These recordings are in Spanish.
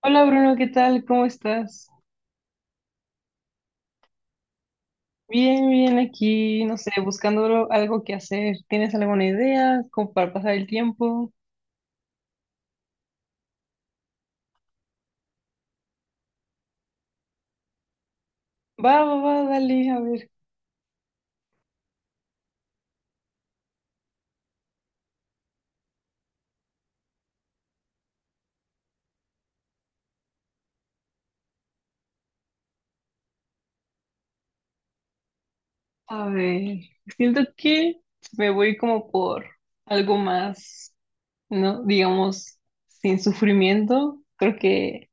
Hola Bruno, ¿qué tal? ¿Cómo estás? Bien, bien aquí, no sé, buscando algo que hacer. ¿Tienes alguna idea como para pasar el tiempo? Va, va, va, dale, a ver. A ver, siento que me voy como por algo más, ¿no? Digamos, sin sufrimiento. Creo que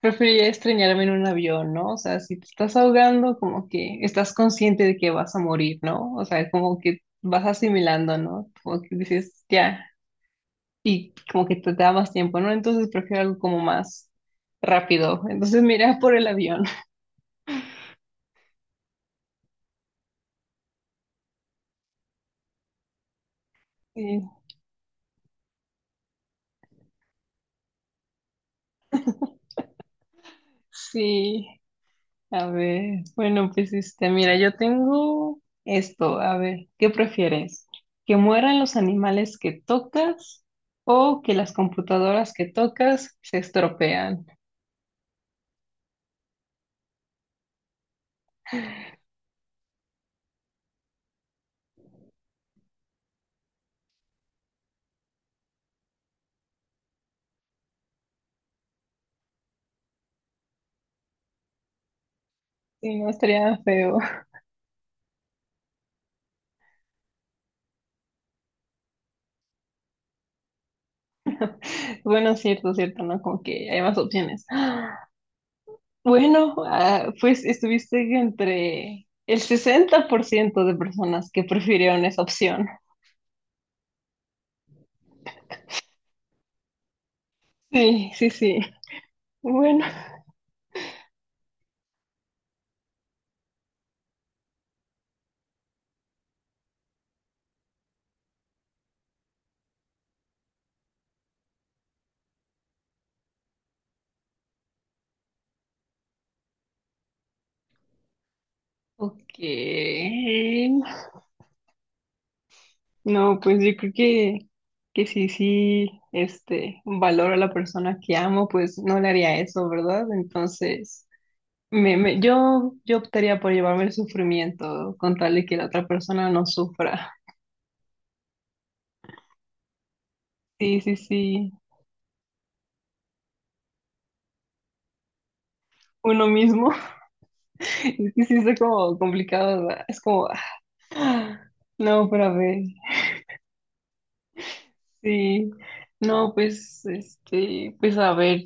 preferiría extrañarme en un avión, ¿no? O sea, si te estás ahogando, como que estás consciente de que vas a morir, ¿no? O sea, como que vas asimilando, ¿no? Como que dices, ya. Y como que te da más tiempo, ¿no? Entonces prefiero algo como más rápido. Entonces mira por el avión. Sí, sí. A ver, bueno, pues este, mira, yo tengo esto. A ver, ¿qué prefieres? ¿Que mueran los animales que tocas o que las computadoras que tocas se estropean? Sí, no estaría feo. Bueno, cierto, cierto, ¿no? Como que hay más opciones. Bueno, ah, pues estuviste entre el 60% de personas que prefirieron esa opción. Sí, sí, sí. Bueno, ok. No, pues yo creo que sí, sí, este, valoro a la persona que amo, pues no le haría eso, ¿verdad? Entonces, yo optaría por llevarme el sufrimiento con tal de que la otra persona no sufra. Sí, sí, sí. Uno mismo. Es que sí está como complicado, ¿verdad? No, pero a ver, sí. No, pues, este, pues a ver,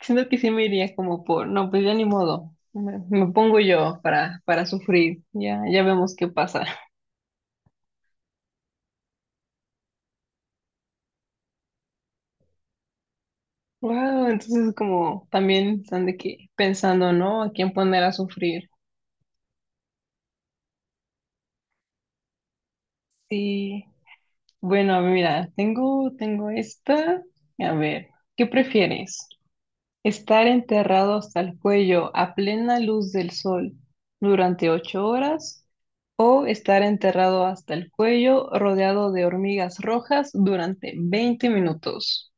siento que sí me iría como por, no, pues ya ni modo. Me pongo yo para sufrir. Ya, ya vemos qué pasa. Wow, entonces como también están de que pensando, ¿no? A quién poner a sufrir. Sí. Bueno, mira, tengo, tengo esta. A ver, ¿qué prefieres? Estar enterrado hasta el cuello a plena luz del sol durante ocho horas o estar enterrado hasta el cuello rodeado de hormigas rojas durante 20 minutos.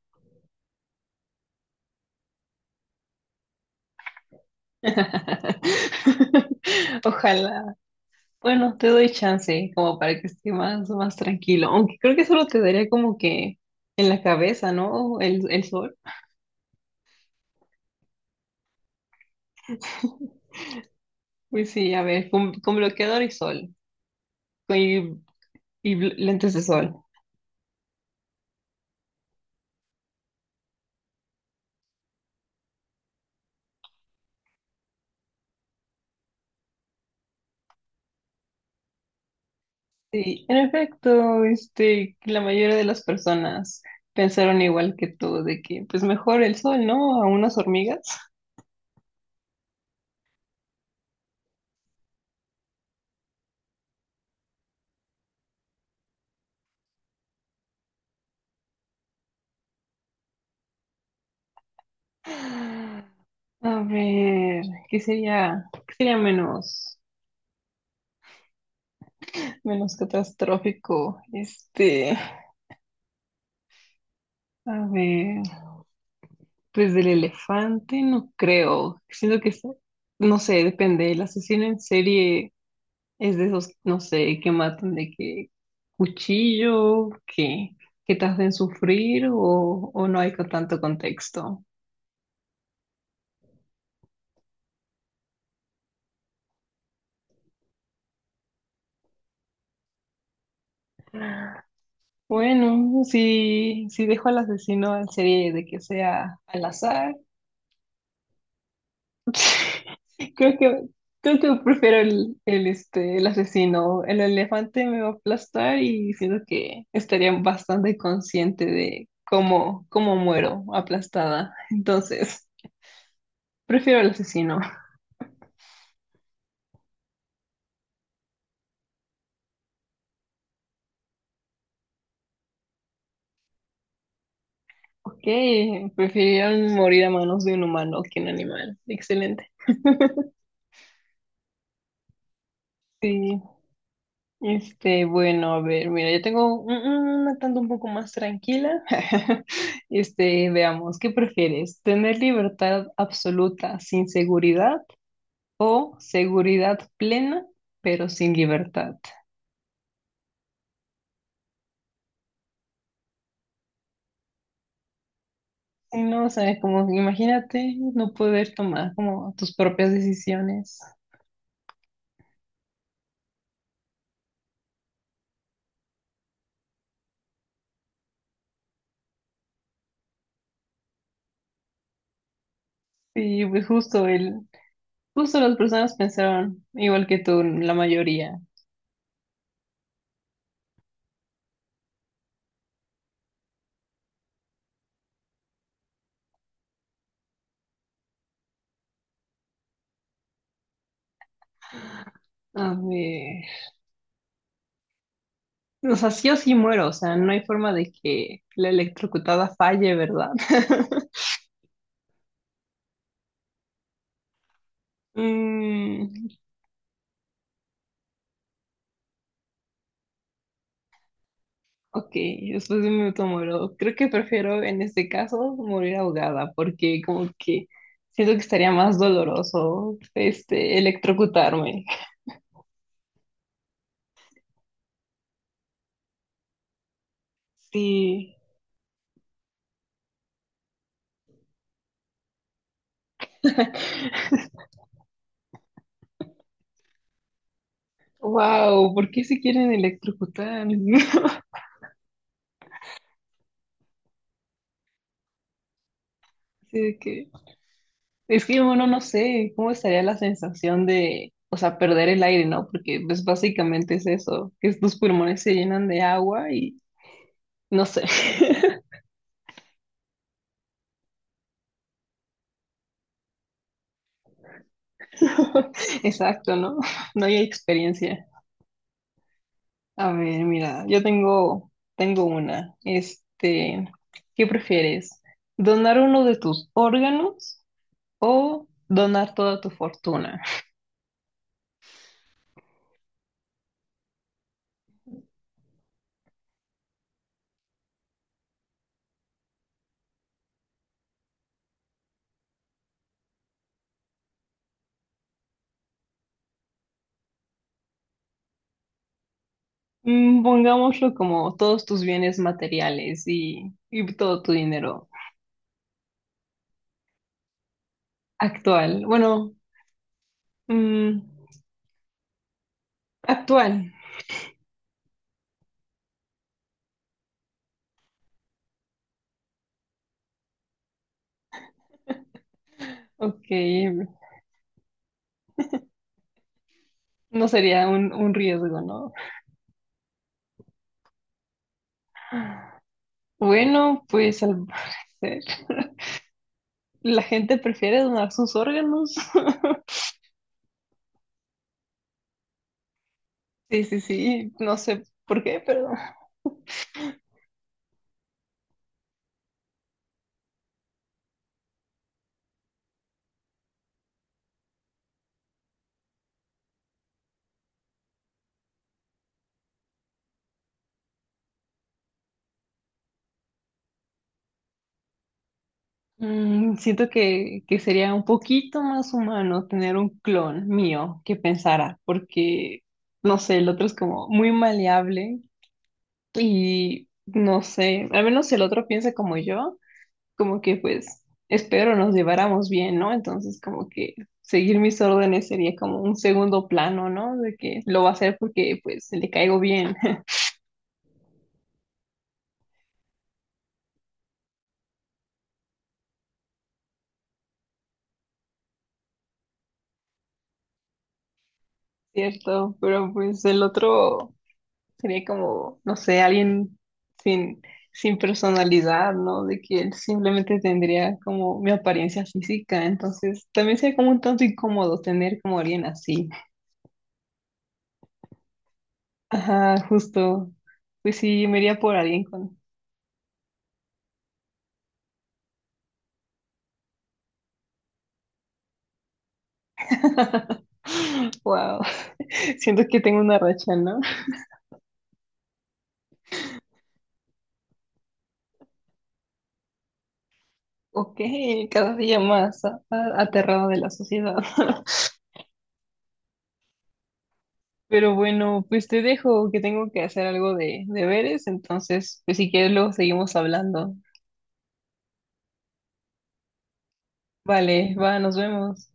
Ojalá. Bueno, te doy chance como para que esté más, más tranquilo. Aunque creo que solo te daría como que en la cabeza, ¿no? El sol. Pues sí, a ver, con bloqueador y sol. Y, lentes de sol. Sí, en efecto, este, la mayoría de las personas pensaron igual que tú, de que pues mejor el sol, ¿no? A unas hormigas. A ver, qué sería menos, menos catastrófico? Este, a ver, pues del elefante no creo. Siento que, es, no sé, depende. El asesino en serie es de esos, no sé, que matan de qué cuchillo, que te hacen sufrir o no hay con tanto contexto. Bueno, si, si dejo al asesino en serie de que sea al azar, creo que, creo que prefiero el, este, el asesino. El elefante me va a aplastar y siento que estaría bastante consciente de cómo, cómo muero aplastada. Entonces, prefiero el asesino. Ok, prefirieron morir a manos de un humano que un animal. Excelente. Sí, este, bueno, a ver, mira, yo tengo una tanto un poco más tranquila. Este, veamos, ¿qué prefieres? ¿Tener libertad absoluta sin seguridad o seguridad plena pero sin libertad? Sí, no, o sea, como imagínate no poder tomar como tus propias decisiones. Sí, pues justo el, justo las personas pensaron igual que tú, la mayoría. A ver, o sea, sí o sí muero, o sea, no hay forma de que la electrocutada falle, ¿verdad? Mm, ok, después de un minuto muero. Creo que prefiero en este caso morir ahogada, porque como que siento que estaría más doloroso, este, electrocutarme. Sí. Wow, ¿por qué se quieren electrocutar? Así de que es que uno no sé cómo estaría la sensación de, o sea, perder el aire, ¿no? Porque pues básicamente es eso, que tus pulmones se llenan de agua y no sé. Exacto, ¿no? No hay experiencia. A ver, mira, yo tengo, tengo una. Este, ¿qué prefieres? ¿Donar uno de tus órganos o donar toda tu fortuna? Mm, pongámoslo como todos tus bienes materiales y todo tu dinero actual. Bueno, Mm, actual. Ok, no sería un riesgo, ¿no? Bueno, pues al parecer la gente prefiere donar sus órganos. Sí, sí, sí, no sé por qué, pero siento que sería un poquito más humano tener un clon mío que pensara, porque, no sé, el otro es como muy maleable y, no sé, al menos si el otro piensa como yo. Como que pues espero nos lleváramos bien, ¿no? Entonces como que seguir mis órdenes sería como un segundo plano, ¿no? De que lo va a hacer porque pues le caigo bien, ¿cierto? Pero pues el otro sería como, no sé, alguien sin, sin personalidad, ¿no? De que él simplemente tendría como mi apariencia física, entonces también sería como un tanto incómodo tener como alguien así. Ajá, justo. Pues sí, me iría por alguien con wow, siento que tengo una racha, ¿no? Ok, cada día más aterrada de la sociedad. Pero bueno, pues te dejo que tengo que hacer algo de deberes, entonces, pues si quieres luego seguimos hablando. Vale, va, nos vemos.